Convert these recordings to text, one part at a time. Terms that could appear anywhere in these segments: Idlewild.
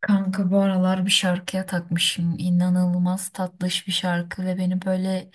Kanka bu aralar bir şarkıya takmışım. İnanılmaz tatlış bir şarkı ve beni böyle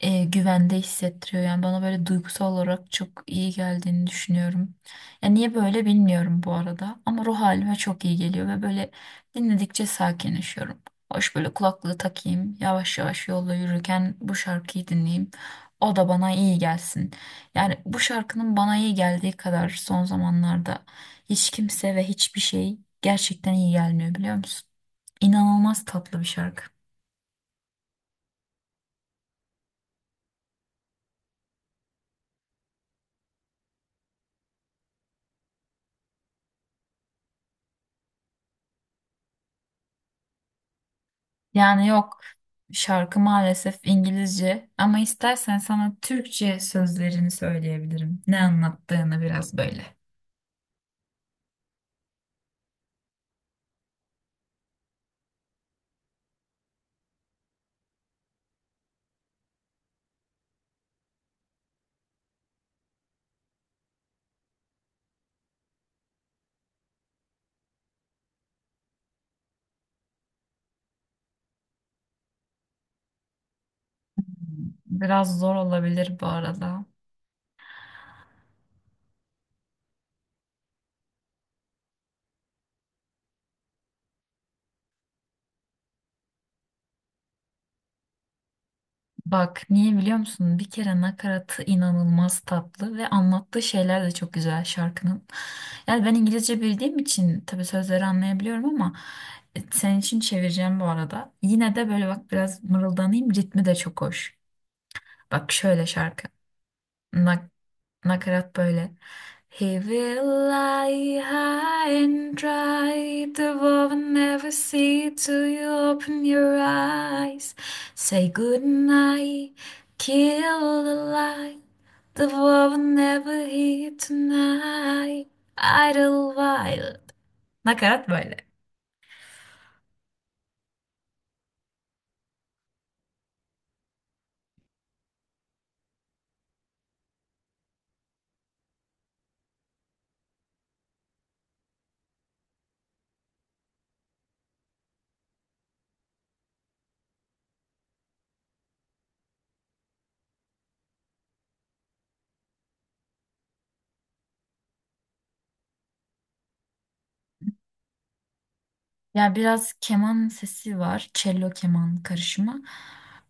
güvende hissettiriyor. Yani bana böyle duygusal olarak çok iyi geldiğini düşünüyorum. Ya niye böyle bilmiyorum bu arada ama ruh halime çok iyi geliyor ve böyle dinledikçe sakinleşiyorum. Hoş böyle kulaklığı takayım, yavaş yavaş yolda yürürken bu şarkıyı dinleyeyim. O da bana iyi gelsin. Yani bu şarkının bana iyi geldiği kadar son zamanlarda hiç kimse ve hiçbir şey gerçekten iyi gelmiyor biliyor musun? İnanılmaz tatlı bir şarkı. Yani yok, şarkı maalesef İngilizce ama istersen sana Türkçe sözlerini söyleyebilirim. Ne anlattığını biraz böyle. Biraz zor olabilir bu arada. Bak niye biliyor musun? Bir kere nakaratı inanılmaz tatlı ve anlattığı şeyler de çok güzel şarkının. Yani ben İngilizce bildiğim için tabii sözleri anlayabiliyorum ama senin için çevireceğim bu arada. Yine de böyle bak biraz mırıldanayım, ritmi de çok hoş. Bak şöyle şarkı. Nakarat böyle. He will lie high and dry. The world will never see till you open your eyes. Say good night, kill the light. The world will never hear tonight. Idlewild. Nakarat böyle. Ya biraz keman sesi var. Cello keman karışımı.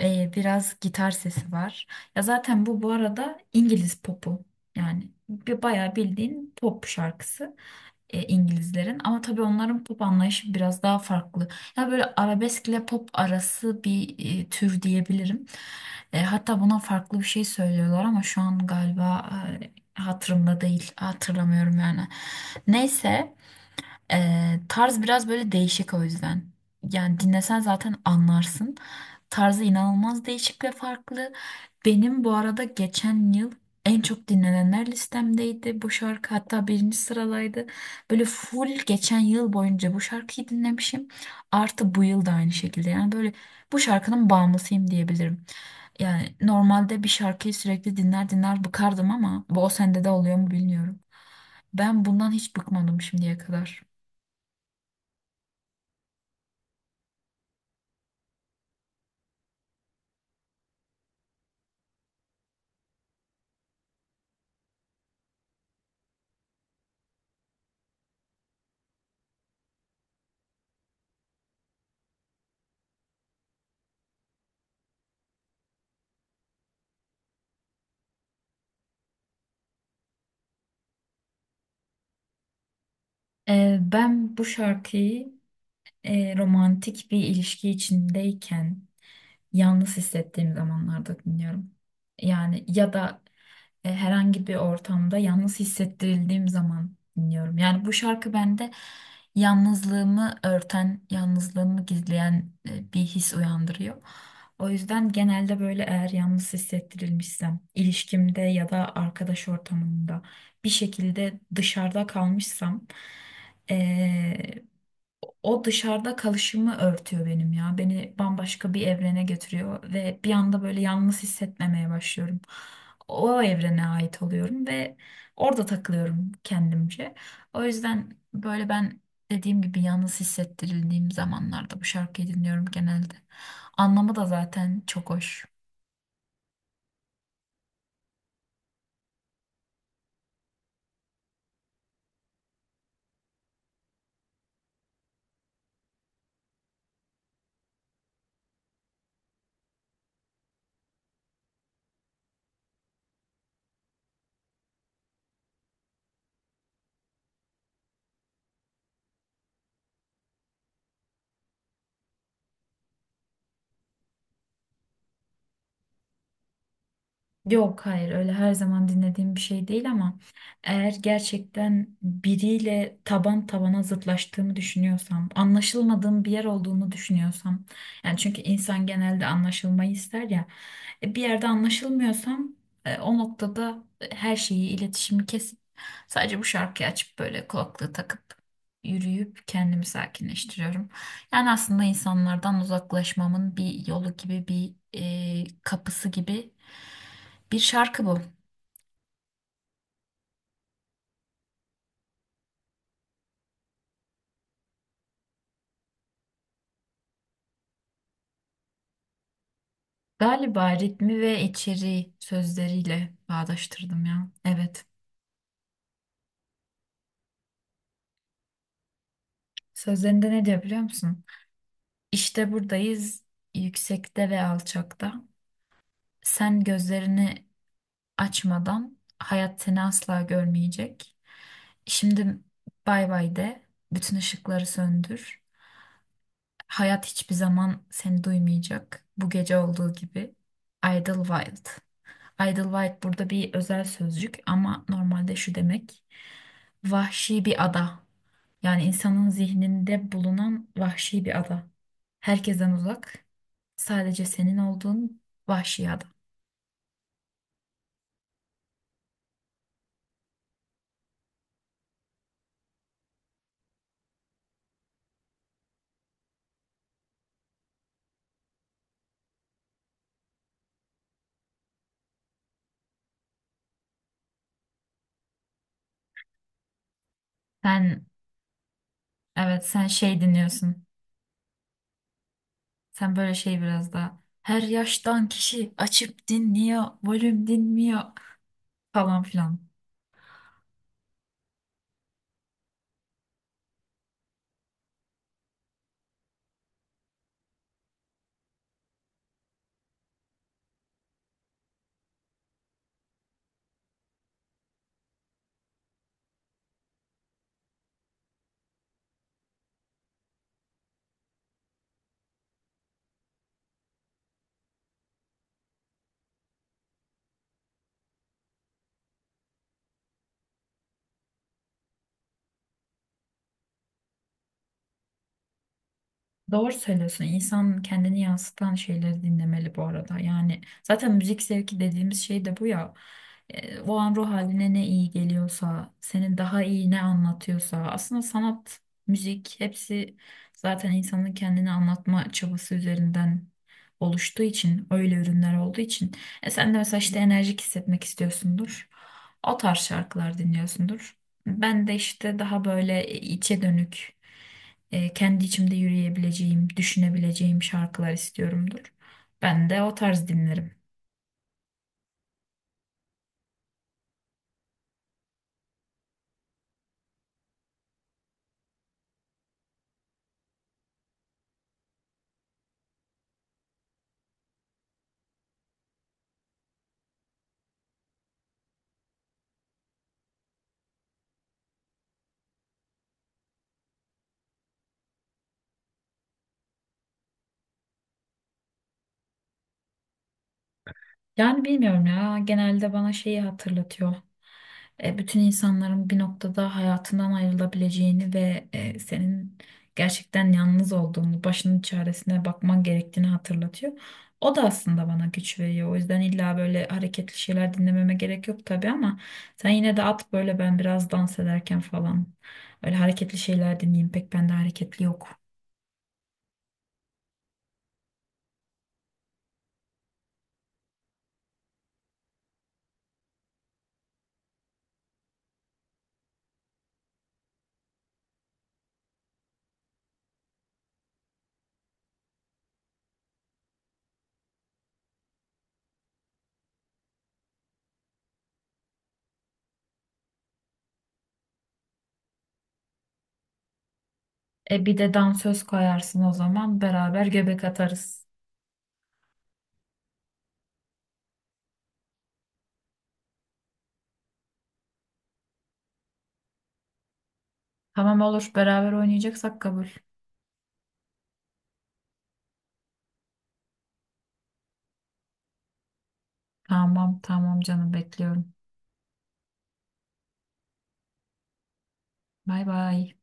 Biraz gitar sesi var. Ya zaten bu arada İngiliz popu. Yani bir bayağı bildiğin pop şarkısı İngilizlerin. Ama tabii onların pop anlayışı biraz daha farklı. Ya böyle arabesk ile pop arası bir tür diyebilirim. Hatta buna farklı bir şey söylüyorlar ama şu an galiba hatırımda değil. Hatırlamıyorum yani. Neyse. Tarz biraz böyle değişik o yüzden. Yani dinlesen zaten anlarsın. Tarzı inanılmaz değişik ve farklı. Benim bu arada geçen yıl en çok dinlenenler listemdeydi bu şarkı. Hatta birinci sıradaydı. Böyle full geçen yıl boyunca bu şarkıyı dinlemişim. Artı bu yıl da aynı şekilde. Yani böyle bu şarkının bağımlısıyım diyebilirim. Yani normalde bir şarkıyı sürekli dinler dinler bıkardım ama bu, o sende de oluyor mu bilmiyorum. Ben bundan hiç bıkmadım şimdiye kadar. Ben bu şarkıyı romantik bir ilişki içindeyken yalnız hissettiğim zamanlarda dinliyorum. Yani ya da herhangi bir ortamda yalnız hissettirildiğim zaman dinliyorum. Yani bu şarkı bende yalnızlığımı örten, yalnızlığımı gizleyen bir his uyandırıyor. O yüzden genelde böyle eğer yalnız hissettirilmişsem, ilişkimde ya da arkadaş ortamında bir şekilde dışarıda kalmışsam, e, o dışarıda kalışımı örtüyor benim ya. Beni bambaşka bir evrene götürüyor ve bir anda böyle yalnız hissetmemeye başlıyorum. O evrene ait oluyorum ve orada takılıyorum kendimce. O yüzden böyle ben, dediğim gibi, yalnız hissettirildiğim zamanlarda bu şarkıyı dinliyorum genelde. Anlamı da zaten çok hoş. Yok, hayır, öyle her zaman dinlediğim bir şey değil ama eğer gerçekten biriyle taban tabana zıtlaştığımı düşünüyorsam, anlaşılmadığım bir yer olduğunu düşünüyorsam, yani çünkü insan genelde anlaşılmayı ister ya, bir yerde anlaşılmıyorsam o noktada her şeyi, iletişimi kesip sadece bu şarkıyı açıp böyle kulaklığı takıp yürüyüp kendimi sakinleştiriyorum. Yani aslında insanlardan uzaklaşmamın bir yolu gibi, bir kapısı gibi bir şarkı bu. Galiba ritmi ve içeriği sözleriyle bağdaştırdım ya. Evet. Sözlerinde ne diyor biliyor musun? İşte buradayız, yüksekte ve alçakta. Sen gözlerini açmadan hayat seni asla görmeyecek. Şimdi bay bay de, bütün ışıkları söndür. Hayat hiçbir zaman seni duymayacak. Bu gece olduğu gibi. Idlewild. Idlewild burada bir özel sözcük ama normalde şu demek. Vahşi bir ada. Yani insanın zihninde bulunan vahşi bir ada. Herkesten uzak. Sadece senin olduğun vahşi ada. Sen, evet, sen şey dinliyorsun. Sen böyle şey biraz daha. Her yaştan kişi açıp dinliyor, volüm dinmiyor falan filan. Doğru söylüyorsun. İnsan kendini yansıtan şeyleri dinlemeli bu arada. Yani zaten müzik zevki dediğimiz şey de bu ya. O an ruh haline ne iyi geliyorsa, senin daha iyi ne anlatıyorsa. Aslında sanat, müzik, hepsi zaten insanın kendini anlatma çabası üzerinden oluştuğu için, öyle ürünler olduğu için. E sen de mesela işte enerjik hissetmek istiyorsundur. O tarz şarkılar dinliyorsundur. Ben de işte daha böyle içe dönük, kendi içimde yürüyebileceğim, düşünebileceğim şarkılar istiyorumdur. Ben de o tarz dinlerim. Yani bilmiyorum ya, genelde bana şeyi hatırlatıyor. Bütün insanların bir noktada hayatından ayrılabileceğini ve senin gerçekten yalnız olduğunu, başının çaresine bakman gerektiğini hatırlatıyor. O da aslında bana güç veriyor. O yüzden illa böyle hareketli şeyler dinlememe gerek yok tabii ama sen yine de at, böyle ben biraz dans ederken falan. Öyle hareketli şeyler dinleyeyim, pek bende hareketli yok. E bir de dansöz koyarsın o zaman, beraber göbek atarız. Tamam, olur. Beraber oynayacaksak kabul. Tamam, tamam, canım, bekliyorum. Bay bay.